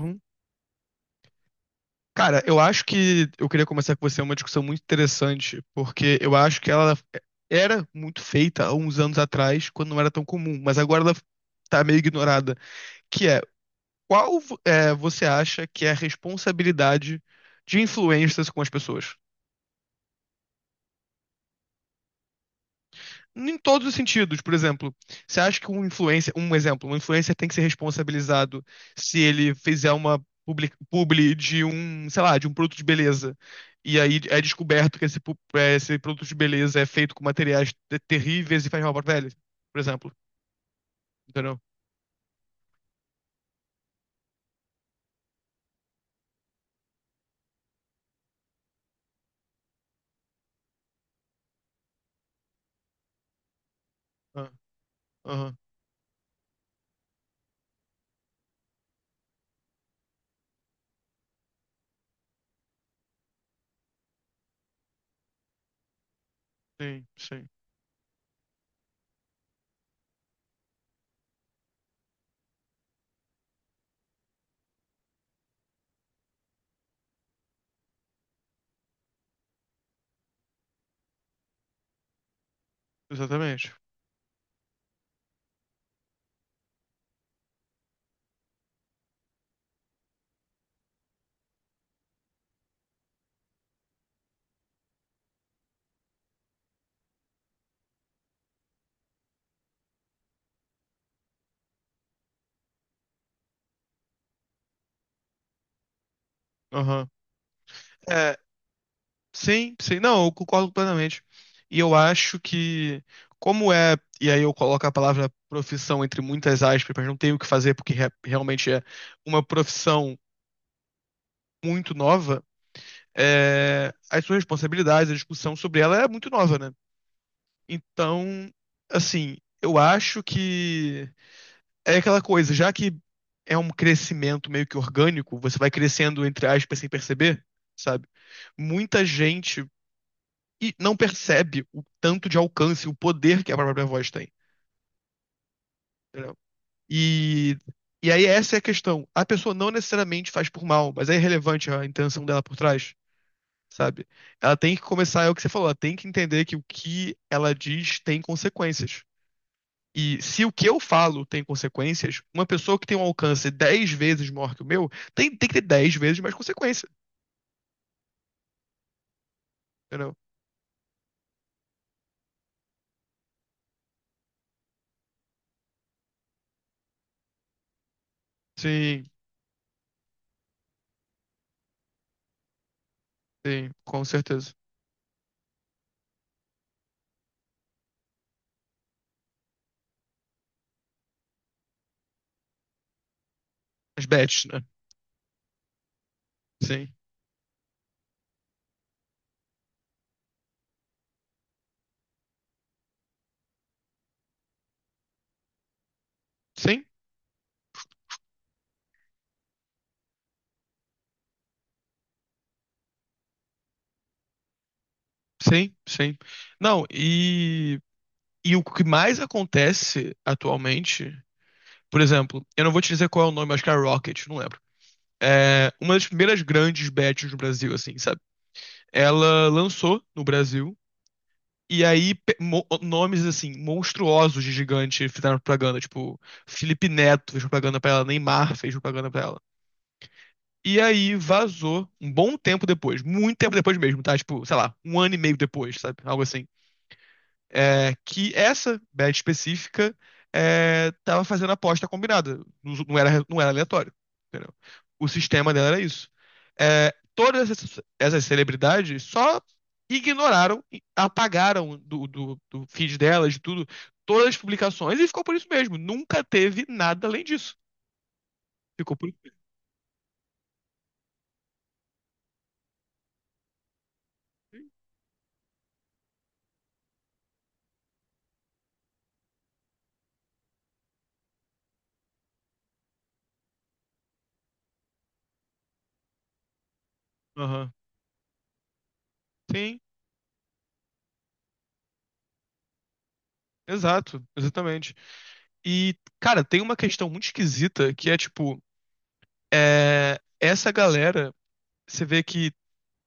Uhum. Cara, eu acho que eu queria começar com você é uma discussão muito interessante, porque eu acho que ela era muito feita há uns anos atrás, quando não era tão comum, mas agora ela tá meio ignorada, que é você acha que é a responsabilidade de influencers com as pessoas? Em todos os sentidos, por exemplo, você acha que um influencer, um exemplo, um influencer tem que ser responsabilizado se ele fizer uma publi de um, sei lá, de um produto de beleza, e aí é descoberto que esse produto de beleza é feito com materiais terríveis e faz mal para a pele, por exemplo, entendeu? Ah. Aham. Sim, sim, exatamente. Aham. Sim, sim, não, eu concordo plenamente. E eu acho que, como é, e aí eu coloco a palavra profissão entre muitas aspas, mas não tenho o que fazer porque realmente é uma profissão muito nova, é, as suas responsabilidades, a discussão sobre ela é muito nova, né? Então, assim, eu acho que é aquela coisa, já que é um crescimento meio que orgânico, você vai crescendo entre aspas sem perceber, sabe? Muita gente. E não percebe o tanto de alcance, o poder que a própria voz tem. Entendeu? E, e aí essa é a questão. A pessoa não necessariamente faz por mal, mas é irrelevante a intenção dela por trás, sabe? Ela tem que começar, é o que você falou, ela tem que entender que o que ela diz tem consequências. E se o que eu falo tem consequências, uma pessoa que tem um alcance 10 vezes maior que o meu tem que ter 10 vezes mais consequência, entendeu? Sim, sim, com certeza. As bets, né? Sim. Sim. Sim, sim. Não, e o que mais acontece atualmente, por exemplo, eu não vou te dizer qual é o nome, acho que é Rocket, não lembro. É uma das primeiras grandes bets no Brasil, assim, sabe? Ela lançou no Brasil, e aí nomes, assim, monstruosos de gigante fizeram propaganda, tipo, Felipe Neto fez propaganda pra ela, Neymar fez propaganda pra ela. E aí vazou um bom tempo depois, muito tempo depois mesmo, tá? Tipo, sei lá, um ano e meio depois, sabe? Algo assim. Que essa bet específica tava fazendo aposta combinada, não era aleatório, entendeu? O sistema dela era isso. É, todas essas, essas celebridades só ignoraram, e apagaram do, do, do feed delas, de tudo, todas as publicações e ficou por isso mesmo. Nunca teve nada além disso. Ficou por isso mesmo. Aham. Sim. Exato, exatamente. E, cara, tem uma questão muito esquisita que é tipo, é, essa galera, você vê que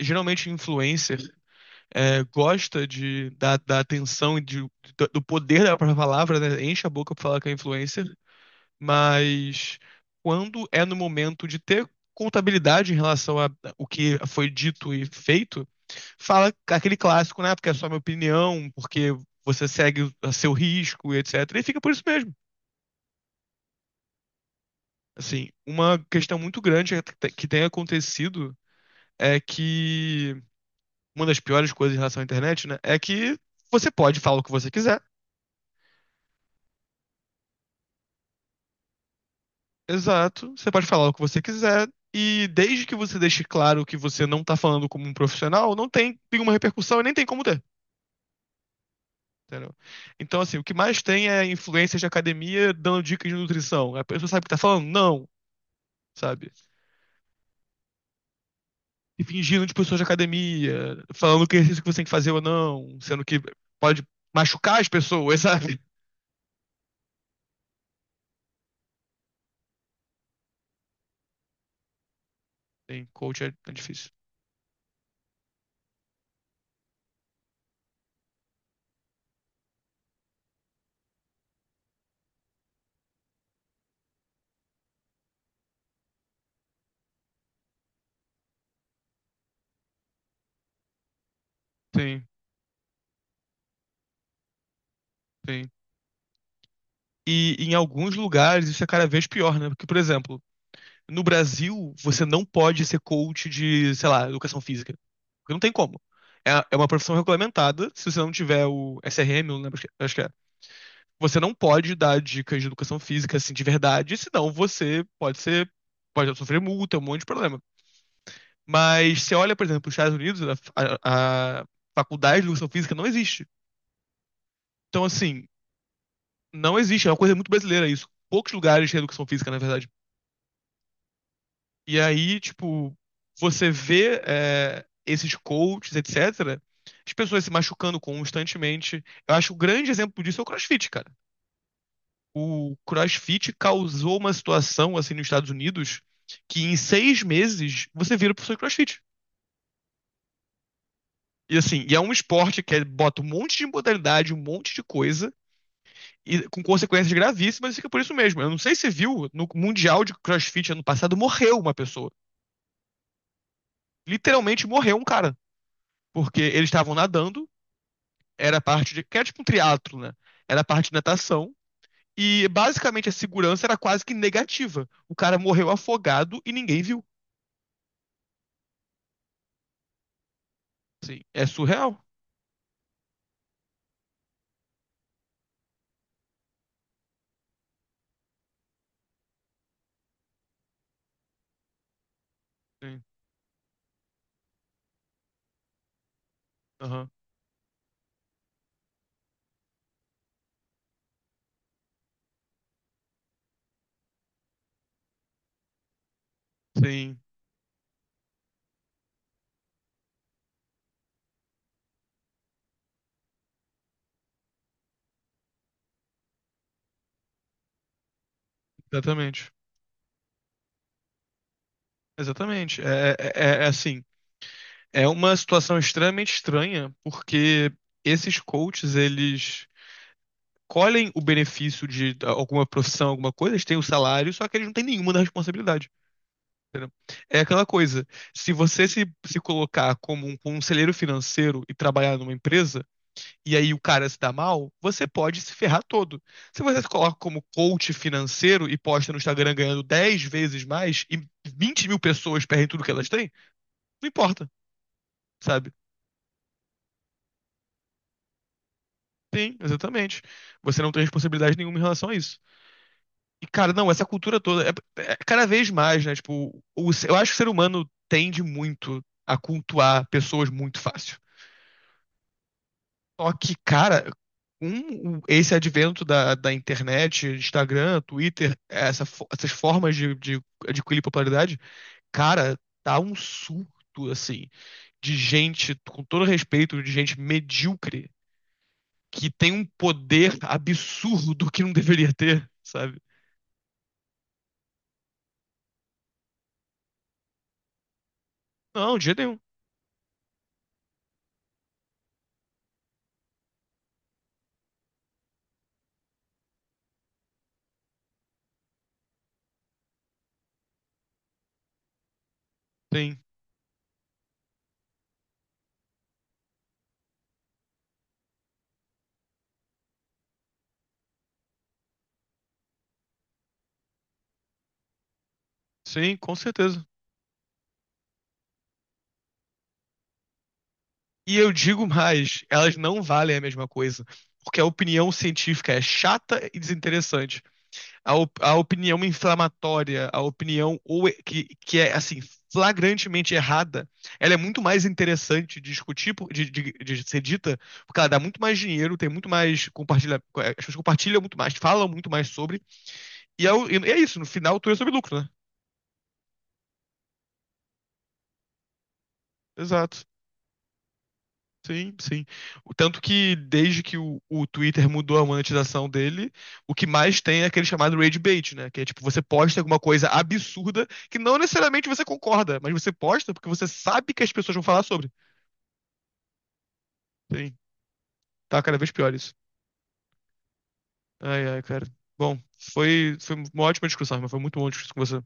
geralmente influencer gosta de, da, da atenção e de, do poder da própria palavra, né? Enche a boca pra falar que é influencer, mas quando é no momento de ter contabilidade em relação a o que foi dito e feito, fala aquele clássico, né? Porque é só minha opinião, porque você segue a seu risco, etc. E fica por isso mesmo. Assim, uma questão muito grande que tem acontecido é que uma das piores coisas em relação à internet, né, é que você pode falar o que você quiser. Exato, você pode falar o que você quiser e desde que você deixe claro que você não tá falando como um profissional, não tem nenhuma repercussão e nem tem como ter. Entendeu? Então, assim, o que mais tem é influências de academia dando dicas de nutrição. A pessoa sabe o que tá falando? Não, sabe? E fingindo de pessoas de academia, falando que exercício que você tem que fazer ou não, sendo que pode machucar as pessoas, sabe? Sim, coach é, é difícil. Sim, sim. E em alguns lugares isso é cada vez pior, né? Porque, por exemplo, no Brasil você não pode ser coach de, sei lá, educação física. Porque não tem como. É, é uma profissão regulamentada, se você não tiver o SRM, não lembro, acho que é. Você não pode dar dicas de educação física, assim, de verdade, senão você pode ser, pode sofrer multa, um monte de problema. Mas você olha, por exemplo, os Estados Unidos, a faculdade de educação física não existe. Então, assim, não existe. É uma coisa muito brasileira isso. Poucos lugares têm educação física, na verdade. E aí, tipo, você vê é, esses coaches, etc., as pessoas se machucando constantemente. Eu acho que o grande exemplo disso é o CrossFit, cara. O CrossFit causou uma situação, assim, nos Estados Unidos, que em 6 meses você vira professor de CrossFit. E assim, e é um esporte que é- bota um monte de modalidade, um monte de coisa, e com consequências gravíssimas, fica por isso mesmo. Eu não sei se você viu, no Mundial de CrossFit ano passado morreu uma pessoa. Literalmente morreu um cara, porque eles estavam nadando, era parte de, que era tipo um triatlo, né? Era parte de natação e basicamente a segurança era quase que negativa. O cara morreu afogado e ninguém viu. Sim, é surreal. Sim, aham. Sim, exatamente. Exatamente. É assim, é uma situação extremamente estranha, porque esses coaches, eles colhem o benefício de ah, alguma profissão, alguma coisa, eles têm o salário, só que eles não têm nenhuma da responsabilidade. É aquela coisa, se você se, se colocar como um conselheiro financeiro e trabalhar numa empresa, e aí o cara se dá mal, você pode se ferrar todo. Se você se coloca como coach financeiro e posta no Instagram ganhando 10 vezes mais e 20 mil pessoas perdem tudo que elas têm, não importa, sabe? Sim, exatamente. Você não tem responsabilidade nenhuma em relação a isso. E, cara, não, essa cultura toda é cada vez mais, né? Tipo, o, eu acho que o ser humano tende muito a cultuar pessoas muito fácil. Só que, cara, esse advento da internet, Instagram, Twitter, essas formas de adquirir popularidade, cara, tá um surto, assim, de gente, com todo respeito, de gente medíocre, que tem um poder absurdo que não deveria ter, sabe? Não, de jeito nenhum. Tem. Sim, com certeza. E eu digo mais, elas não valem a mesma coisa. Porque a opinião científica é chata e desinteressante. A opinião inflamatória, a opinião que é assim, flagrantemente errada, ela é muito mais interessante de discutir, de ser dita, porque ela dá muito mais dinheiro, tem muito mais compartilha, as pessoas compartilham muito mais, falam muito mais sobre. E é, e é isso, no final tudo é sobre lucro, né? Exato. Sim, sim. O tanto que desde que o Twitter mudou a monetização dele, o que mais tem é aquele chamado rage bait, né? Que é tipo, você posta alguma coisa absurda que não necessariamente você concorda, mas você posta porque você sabe que as pessoas vão falar sobre. Sim, tá cada vez pior isso. Ai, ai, cara. Bom, foi uma ótima discussão, mas foi muito bom discutir com você.